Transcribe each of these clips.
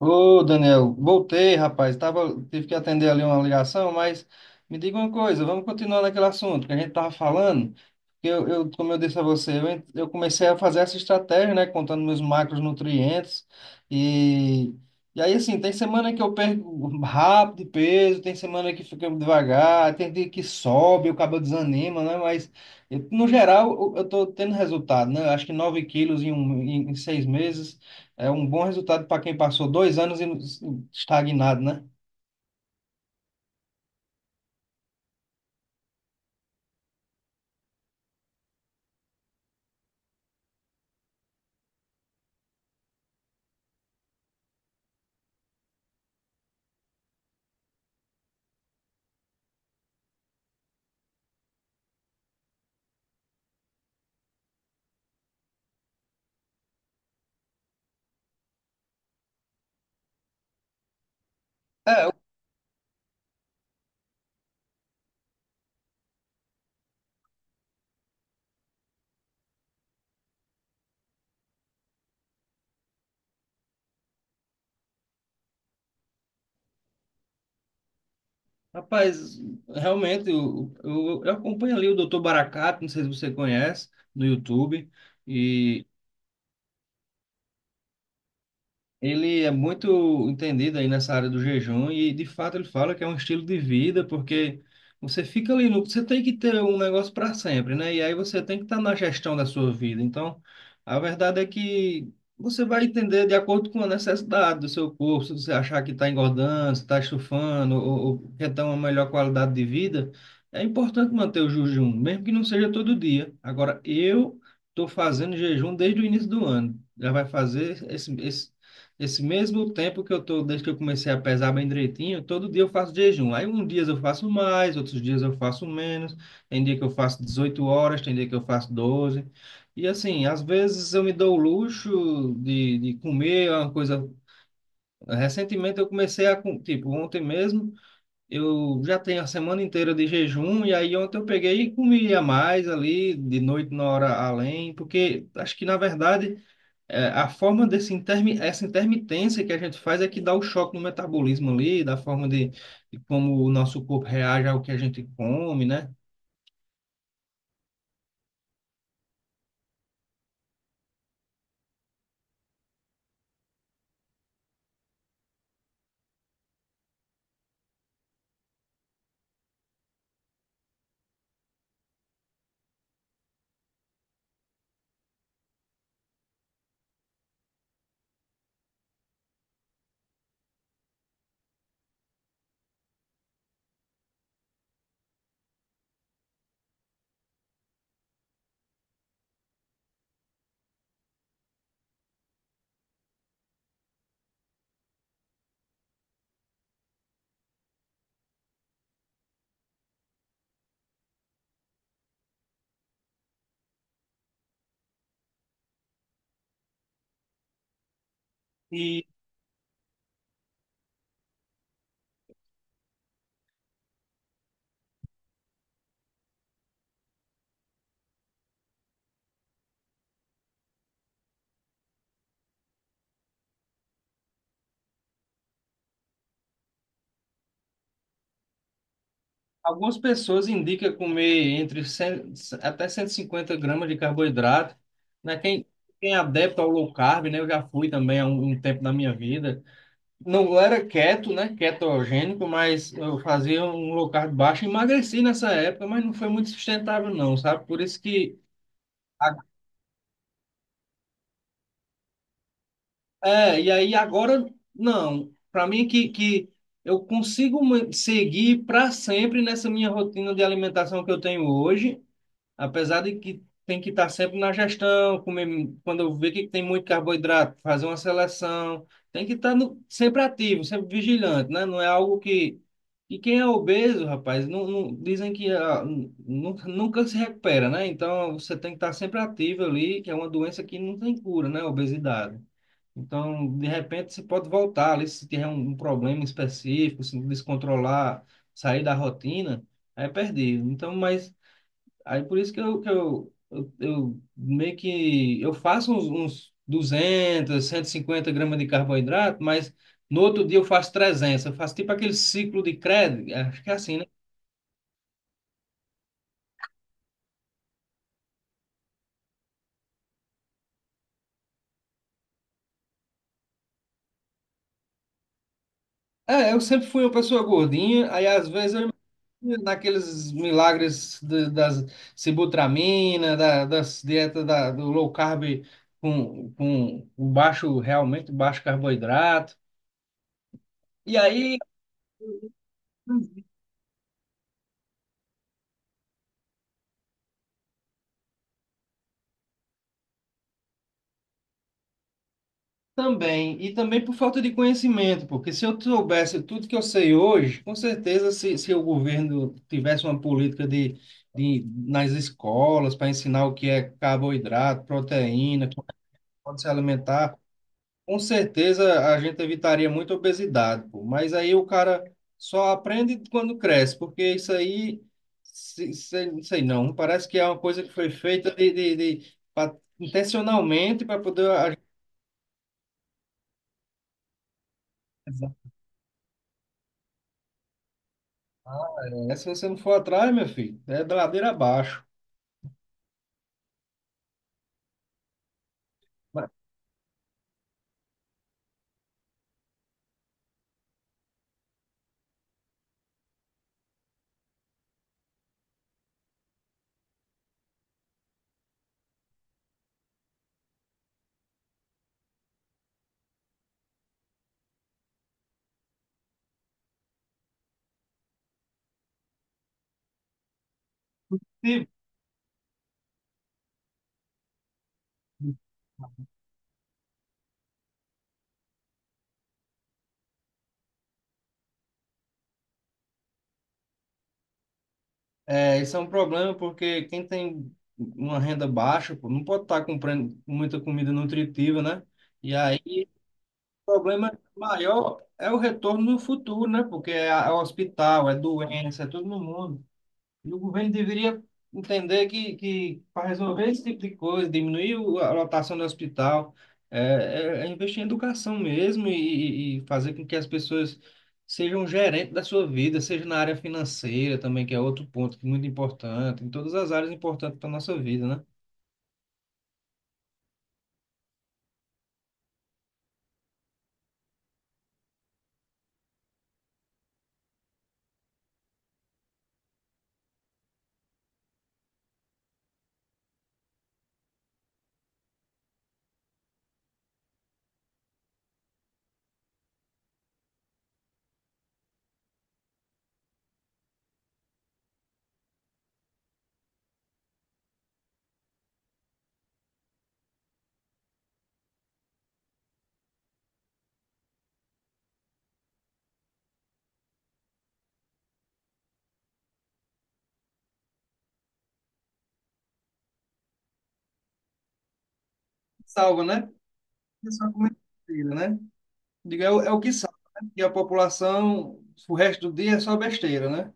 Ô, Daniel, voltei, rapaz. Tava, tive que atender ali uma ligação, mas me diga uma coisa, vamos continuar naquele assunto que a gente tava falando. Eu, como eu disse a você, eu comecei a fazer essa estratégia, né, contando meus macronutrientes e e aí assim, tem semana que eu perco rápido de peso, tem semana que fica devagar, tem dia que sobe, o cabo desanima, né? Mas no geral eu tô tendo resultado, né? Eu acho que 9 quilos em seis meses. É um bom resultado para quem passou dois anos estagnado, né? É, eu- rapaz, realmente, eu acompanho ali o Dr. Baracato, não sei se você conhece, no YouTube, e ele é muito entendido aí nessa área do jejum e de fato ele fala que é um estilo de vida, porque você fica ali no, você tem que ter um negócio para sempre, né? E aí você tem que estar na gestão da sua vida. Então, a verdade é que você vai entender de acordo com a necessidade do seu corpo, se você achar que está engordando, se está estufando ou quer ter uma melhor qualidade de vida, é importante manter o jejum, mesmo que não seja todo dia. Agora, eu estou fazendo jejum desde o início do ano. Já vai fazer esse mesmo tempo que eu tô, desde que eu comecei a pesar bem direitinho, todo dia eu faço jejum. Aí um dias eu faço mais, outros dias eu faço menos. Tem dia que eu faço 18 horas, tem dia que eu faço doze. E assim, às vezes eu me dou o luxo de comer uma coisa. Recentemente eu comecei a, com- tipo, ontem mesmo, eu já tenho a semana inteira de jejum, e aí ontem eu peguei e comi a mais ali, de noite na hora além, porque acho que na verdade. É, a forma desse intermi essa intermitência que a gente faz é que dá o choque no metabolismo ali, da forma de como o nosso corpo reage ao que a gente come, né? E algumas pessoas indicam comer entre 100 até 150 gramas de carboidrato, né? Quem é adepto ao low carb, né? Eu já fui também há um tempo da minha vida. Não era keto, né? Ketogênico, mas eu fazia um low carb baixo, emagreci nessa época, mas não foi muito sustentável não, sabe? Por isso que a É, e aí agora, não. Para mim, que eu consigo seguir para sempre nessa minha rotina de alimentação que eu tenho hoje, apesar de que tem que estar sempre na gestão, comer, quando eu ver que tem muito carboidrato, fazer uma seleção, tem que estar no- sempre ativo, sempre vigilante, né? Não é algo que. E quem é obeso, rapaz, dizem que ah, nunca se recupera, né? Então você tem que estar sempre ativo ali, que é uma doença que não tem cura, né? Obesidade. Então, de repente, você pode voltar ali se tiver um problema específico, se descontrolar, sair da rotina, é perdido. Então, mas aí por isso que eu meio que eu faço uns duzentos, cento e cinquenta gramas de carboidrato, mas no outro dia eu faço trezentos. Eu faço tipo aquele ciclo de crédito, acho que é assim. É, eu sempre fui uma pessoa gordinha, aí às vezes eu imagino naqueles milagres das sibutramina, das dietas do low carb com um baixo, realmente baixo carboidrato. E aí também, e também por falta de conhecimento, porque se eu soubesse tudo que eu sei hoje, com certeza se o governo tivesse uma política de nas escolas para ensinar o que é carboidrato, proteína, como pode se alimentar. Com certeza a gente evitaria muita obesidade, pô. Mas aí o cara só aprende quando cresce, porque isso aí, se, não sei não, parece que é uma coisa que foi feita intencionalmente para poder. A Ah, é, se você não for atrás, meu filho, é da ladeira abaixo. Mas se é, isso é um problema porque quem tem uma renda baixa, pô, não pode estar comprando muita comida nutritiva, né? E aí o problema maior é o retorno no futuro, né? Porque é hospital, é doença, é todo no mundo. E o governo deveria entender que para resolver esse tipo de coisa, diminuir a lotação do hospital, é, é investir em educação mesmo e fazer com que as pessoas sejam gerentes da sua vida, seja na área financeira também, que é outro ponto que é muito importante, em todas as áreas importantes para a nossa vida, né? Salva, né? Isso é uma coisa, né? Digo, é, é o que sabe, né? Porque a população, o resto do dia é só besteira, né?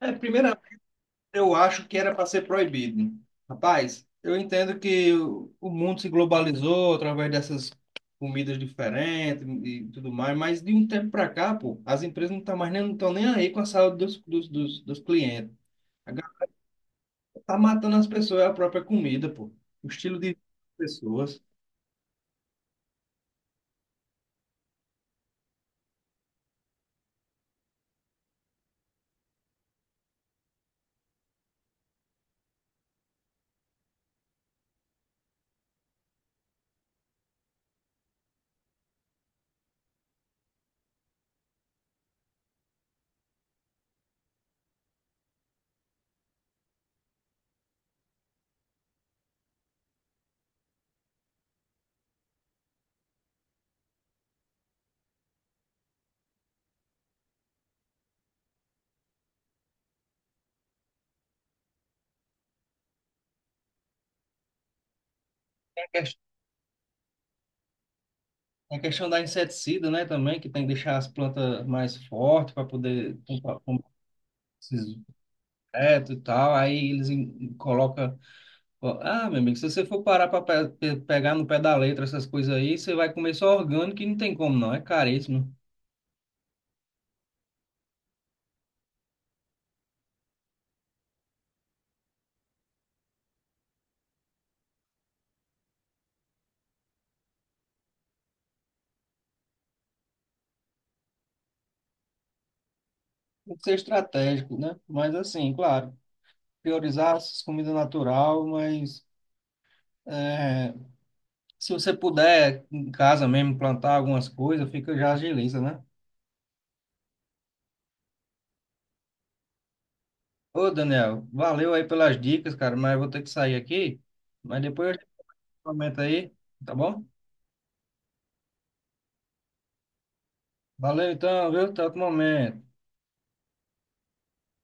É, primeiramente, eu acho que era para ser proibido. Rapaz, eu entendo que o mundo se globalizou através dessas comidas diferentes e tudo mais, mas de um tempo para cá, pô, as empresas não estão nem aí com a saúde dos clientes. A galera tá matando as pessoas, é a própria comida, pô. O estilo de vida das pessoas. É a questão da inseticida, né, também, que tem que deixar as plantas mais fortes para poder combater esses insetos e tal. Aí colocam. Ah, meu amigo, se você for parar para pegar no pé da letra essas coisas aí, você vai comer só orgânico e não tem como, não. É caríssimo. Tem que ser estratégico, né? Mas assim, claro, priorizar as comidas natural, mas é, se você puder em casa mesmo plantar algumas coisas, fica já agiliza, né? Ô, Daniel, valeu aí pelas dicas, cara, mas eu vou ter que sair aqui. Mas depois eu te comento aí, tá bom? Valeu então, viu? Até outro momento.